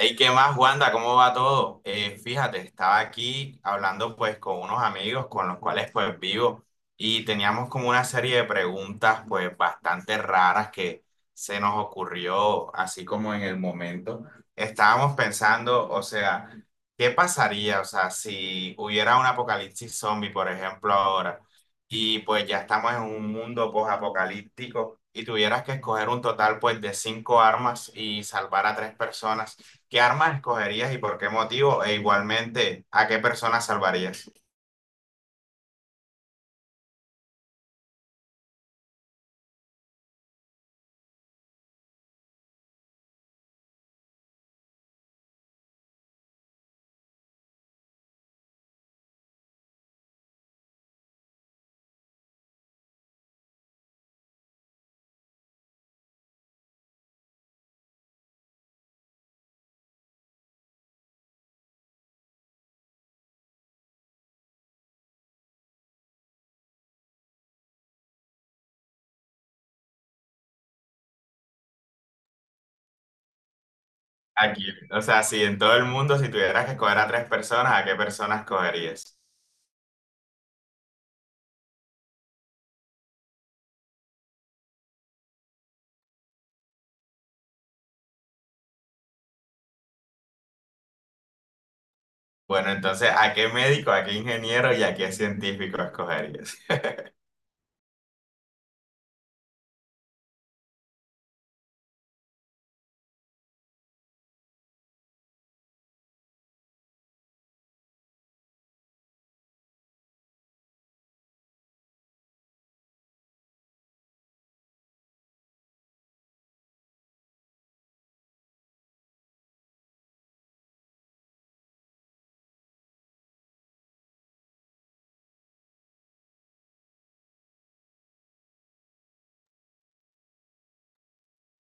Hey, ¿qué más, Wanda? ¿Cómo va todo? Fíjate, estaba aquí hablando pues con unos amigos con los cuales pues vivo y teníamos como una serie de preguntas pues bastante raras que se nos ocurrió así como en el momento. Estábamos pensando, o sea, ¿qué pasaría, o sea, si hubiera un apocalipsis zombie, por ejemplo, ahora y pues ya estamos en un mundo post-apocalíptico y tuvieras que escoger un total pues de cinco armas y salvar a tres personas? ¿Qué armas escogerías y por qué motivo? E igualmente, ¿a qué personas salvarías? ¿A quién? O sea, si en todo el mundo, si tuvieras que escoger a tres personas, ¿a qué personas escogerías? Bueno, entonces, ¿a qué médico, a qué ingeniero y a qué científico escogerías?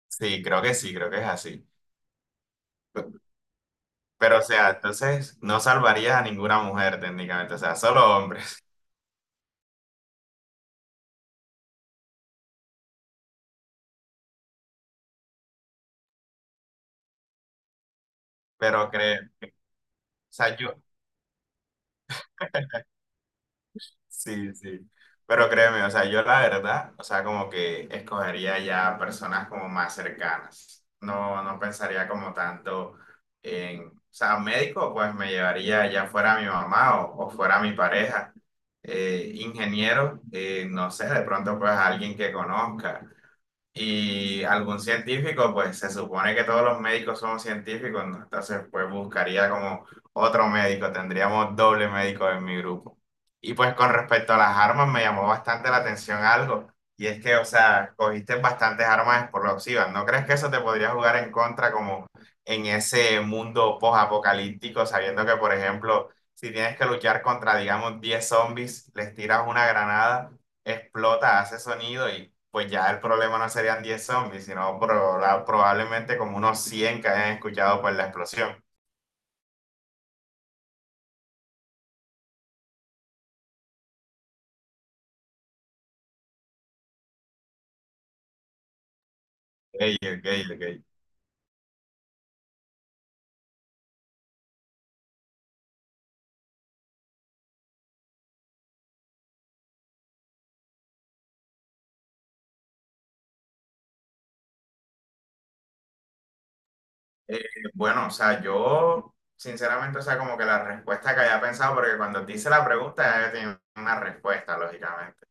Sí, creo que es así. Pero, o sea, entonces no salvarías a ninguna mujer técnicamente, o sea, solo hombres. Pero creo, o sea, yo, sí, sí. Pero créeme, o sea, yo la verdad, o sea, como que escogería ya personas como más cercanas. No, no pensaría como tanto en, o sea, médico, pues me llevaría ya fuera mi mamá o fuera mi pareja. Ingeniero, no sé, de pronto pues alguien que conozca. Y algún científico, pues se supone que todos los médicos somos científicos, ¿no? Entonces, pues buscaría como otro médico, tendríamos doble médico en mi grupo. Y pues con respecto a las armas, me llamó bastante la atención algo, y es que, o sea, cogiste bastantes armas explosivas, ¿no crees que eso te podría jugar en contra como en ese mundo post-apocalíptico, sabiendo que, por ejemplo, si tienes que luchar contra, digamos, 10 zombies, les tiras una granada, explota, hace sonido y pues ya el problema no serían 10 zombies, sino probablemente como unos 100 que hayan escuchado por la explosión? Ey, ok, ok. Eh, bueno, o sea, yo sinceramente, o sea, como que la respuesta que había pensado, porque cuando te hice la pregunta ya yo tenía una respuesta, lógicamente.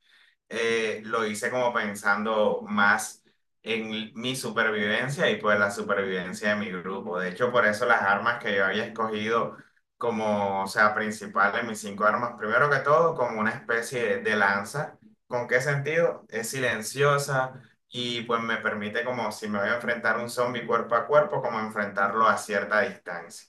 Lo hice como pensando más en mi supervivencia y pues la supervivencia de mi grupo. De hecho, por eso las armas que yo había escogido como, o sea, principal de mis cinco armas, primero que todo, como una especie de lanza. ¿Con qué sentido? Es silenciosa y pues me permite como si me voy a enfrentar a un zombie cuerpo a cuerpo, como enfrentarlo a cierta distancia.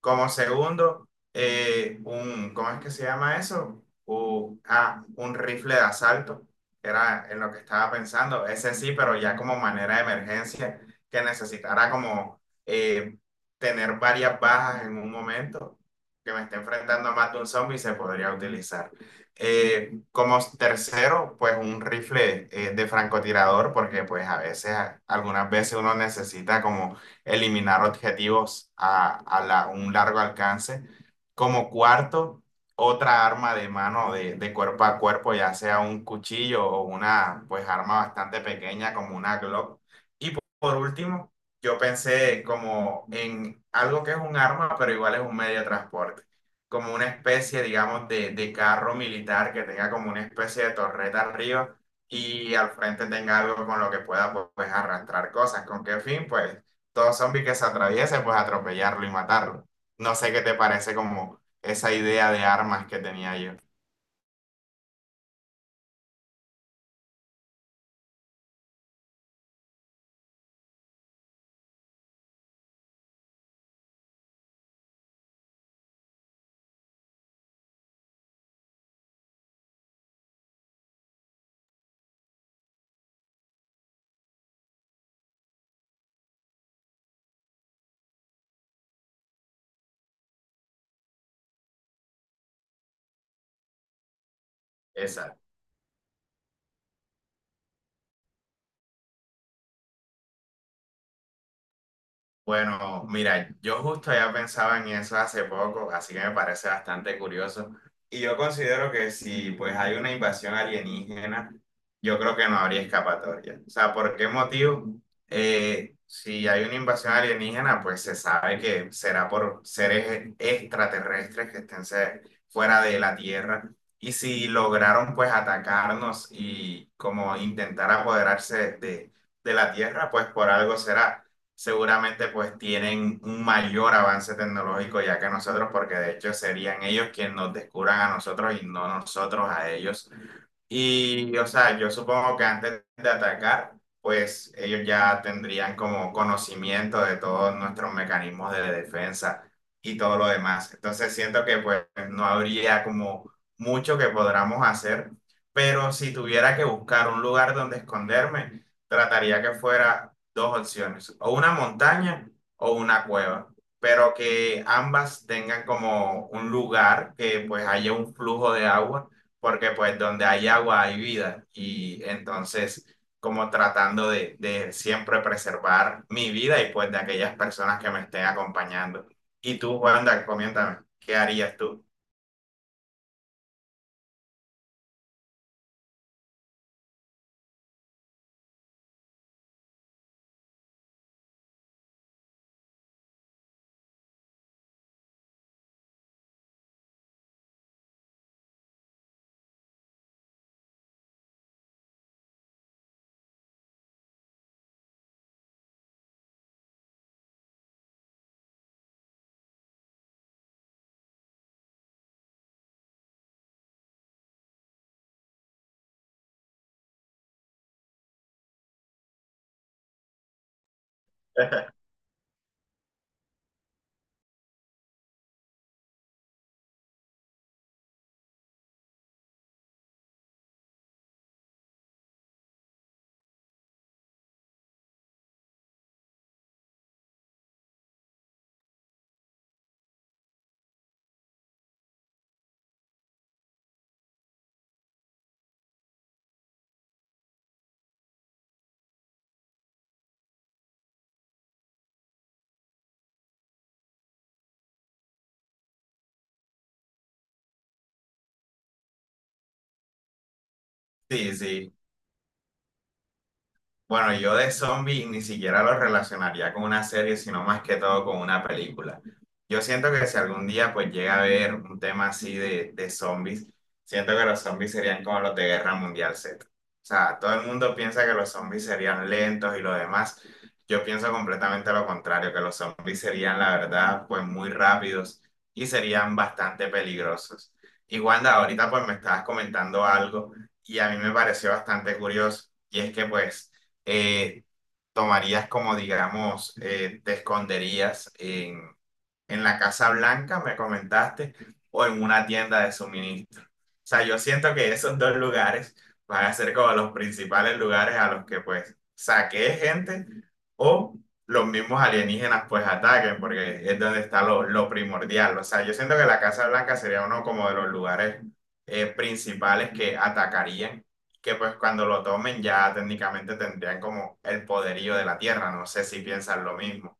Como segundo, un, ¿cómo es que se llama eso? O ah, un rifle de asalto, era en lo que estaba pensando, ese sí, pero ya como manera de emergencia, que necesitara como tener varias bajas en un momento, que me esté enfrentando a más de un zombie, se podría utilizar. Como tercero, pues un rifle de francotirador, porque pues a veces, algunas veces uno necesita como eliminar objetivos a un largo alcance. Como cuarto, otra arma de mano de cuerpo a cuerpo, ya sea un cuchillo o una pues arma bastante pequeña como una Glock. Y por último, yo pensé como en algo que es un arma, pero igual es un medio de transporte, como una especie, digamos, de carro militar que tenga como una especie de torreta arriba y al frente tenga algo con lo que pueda pues arrastrar cosas. ¿Con qué fin? Pues todo zombie que se atraviese, pues atropellarlo y matarlo. No sé qué te parece como esa idea de armas que tenía yo. Esa, Bueno, mira, yo justo ya pensaba en eso hace poco, así que me parece bastante curioso. Y yo considero que si pues hay una invasión alienígena, yo creo que no habría escapatoria. O sea, ¿por qué motivo? Si hay una invasión alienígena, pues se sabe que será por seres extraterrestres que estén fuera de la Tierra. Y si lograron pues atacarnos y como intentar apoderarse de la Tierra, pues por algo será, seguramente pues tienen un mayor avance tecnológico ya que nosotros, porque de hecho serían ellos quienes nos descubran a nosotros y no nosotros a ellos y, o sea, yo supongo que antes de atacar, pues ellos ya tendrían como conocimiento de todos nuestros mecanismos de defensa y todo lo demás. Entonces siento que pues no habría como mucho que podamos hacer, pero si tuviera que buscar un lugar donde esconderme, trataría que fuera dos opciones, o una montaña o una cueva, pero que ambas tengan como un lugar que pues haya un flujo de agua, porque pues donde hay agua hay vida y entonces como tratando de siempre preservar mi vida y pues de aquellas personas que me estén acompañando. Y tú, Wanda, coméntame, ¿qué harías tú? Sí, sí. Bueno, yo de zombies ni siquiera lo relacionaría con una serie, sino más que todo con una película. Yo siento que si algún día pues llega a haber un tema así de zombies, siento que los zombies serían como los de Guerra Mundial Z. O sea, todo el mundo piensa que los zombies serían lentos y lo demás. Yo pienso completamente lo contrario, que los zombies serían, la verdad, pues muy rápidos y serían bastante peligrosos. Y Wanda, ahorita pues me estabas comentando algo y a mí me pareció bastante curioso. Y es que pues eh, tomarías como, digamos, te esconderías en la Casa Blanca, me comentaste, o en una tienda de suministro. O sea, yo siento que esos dos lugares van a ser como los principales lugares a los que pues saquee gente o los mismos alienígenas pues ataquen, porque es donde está lo primordial. O sea, yo siento que la Casa Blanca sería uno como de los lugares principales que atacarían, que pues cuando lo tomen ya técnicamente tendrían como el poderío de la Tierra. No sé si piensan lo mismo.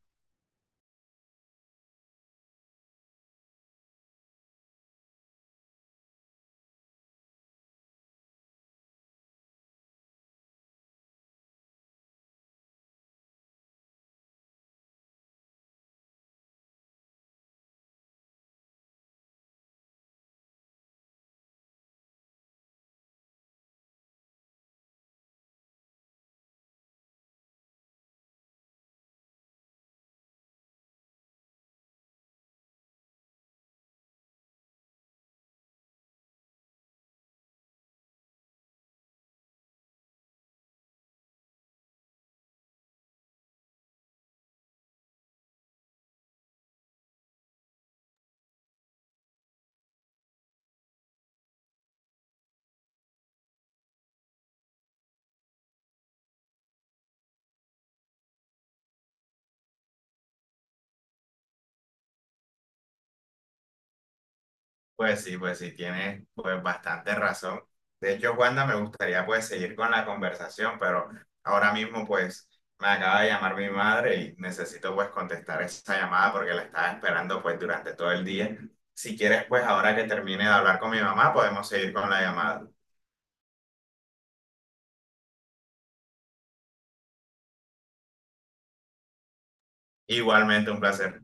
Pues sí, tienes pues bastante razón. De hecho, Wanda, me gustaría pues seguir con la conversación, pero ahora mismo pues me acaba de llamar mi madre y necesito pues contestar esa llamada porque la estaba esperando pues durante todo el día. Si quieres pues ahora que termine de hablar con mi mamá podemos seguir con la llamada. Igualmente un placer.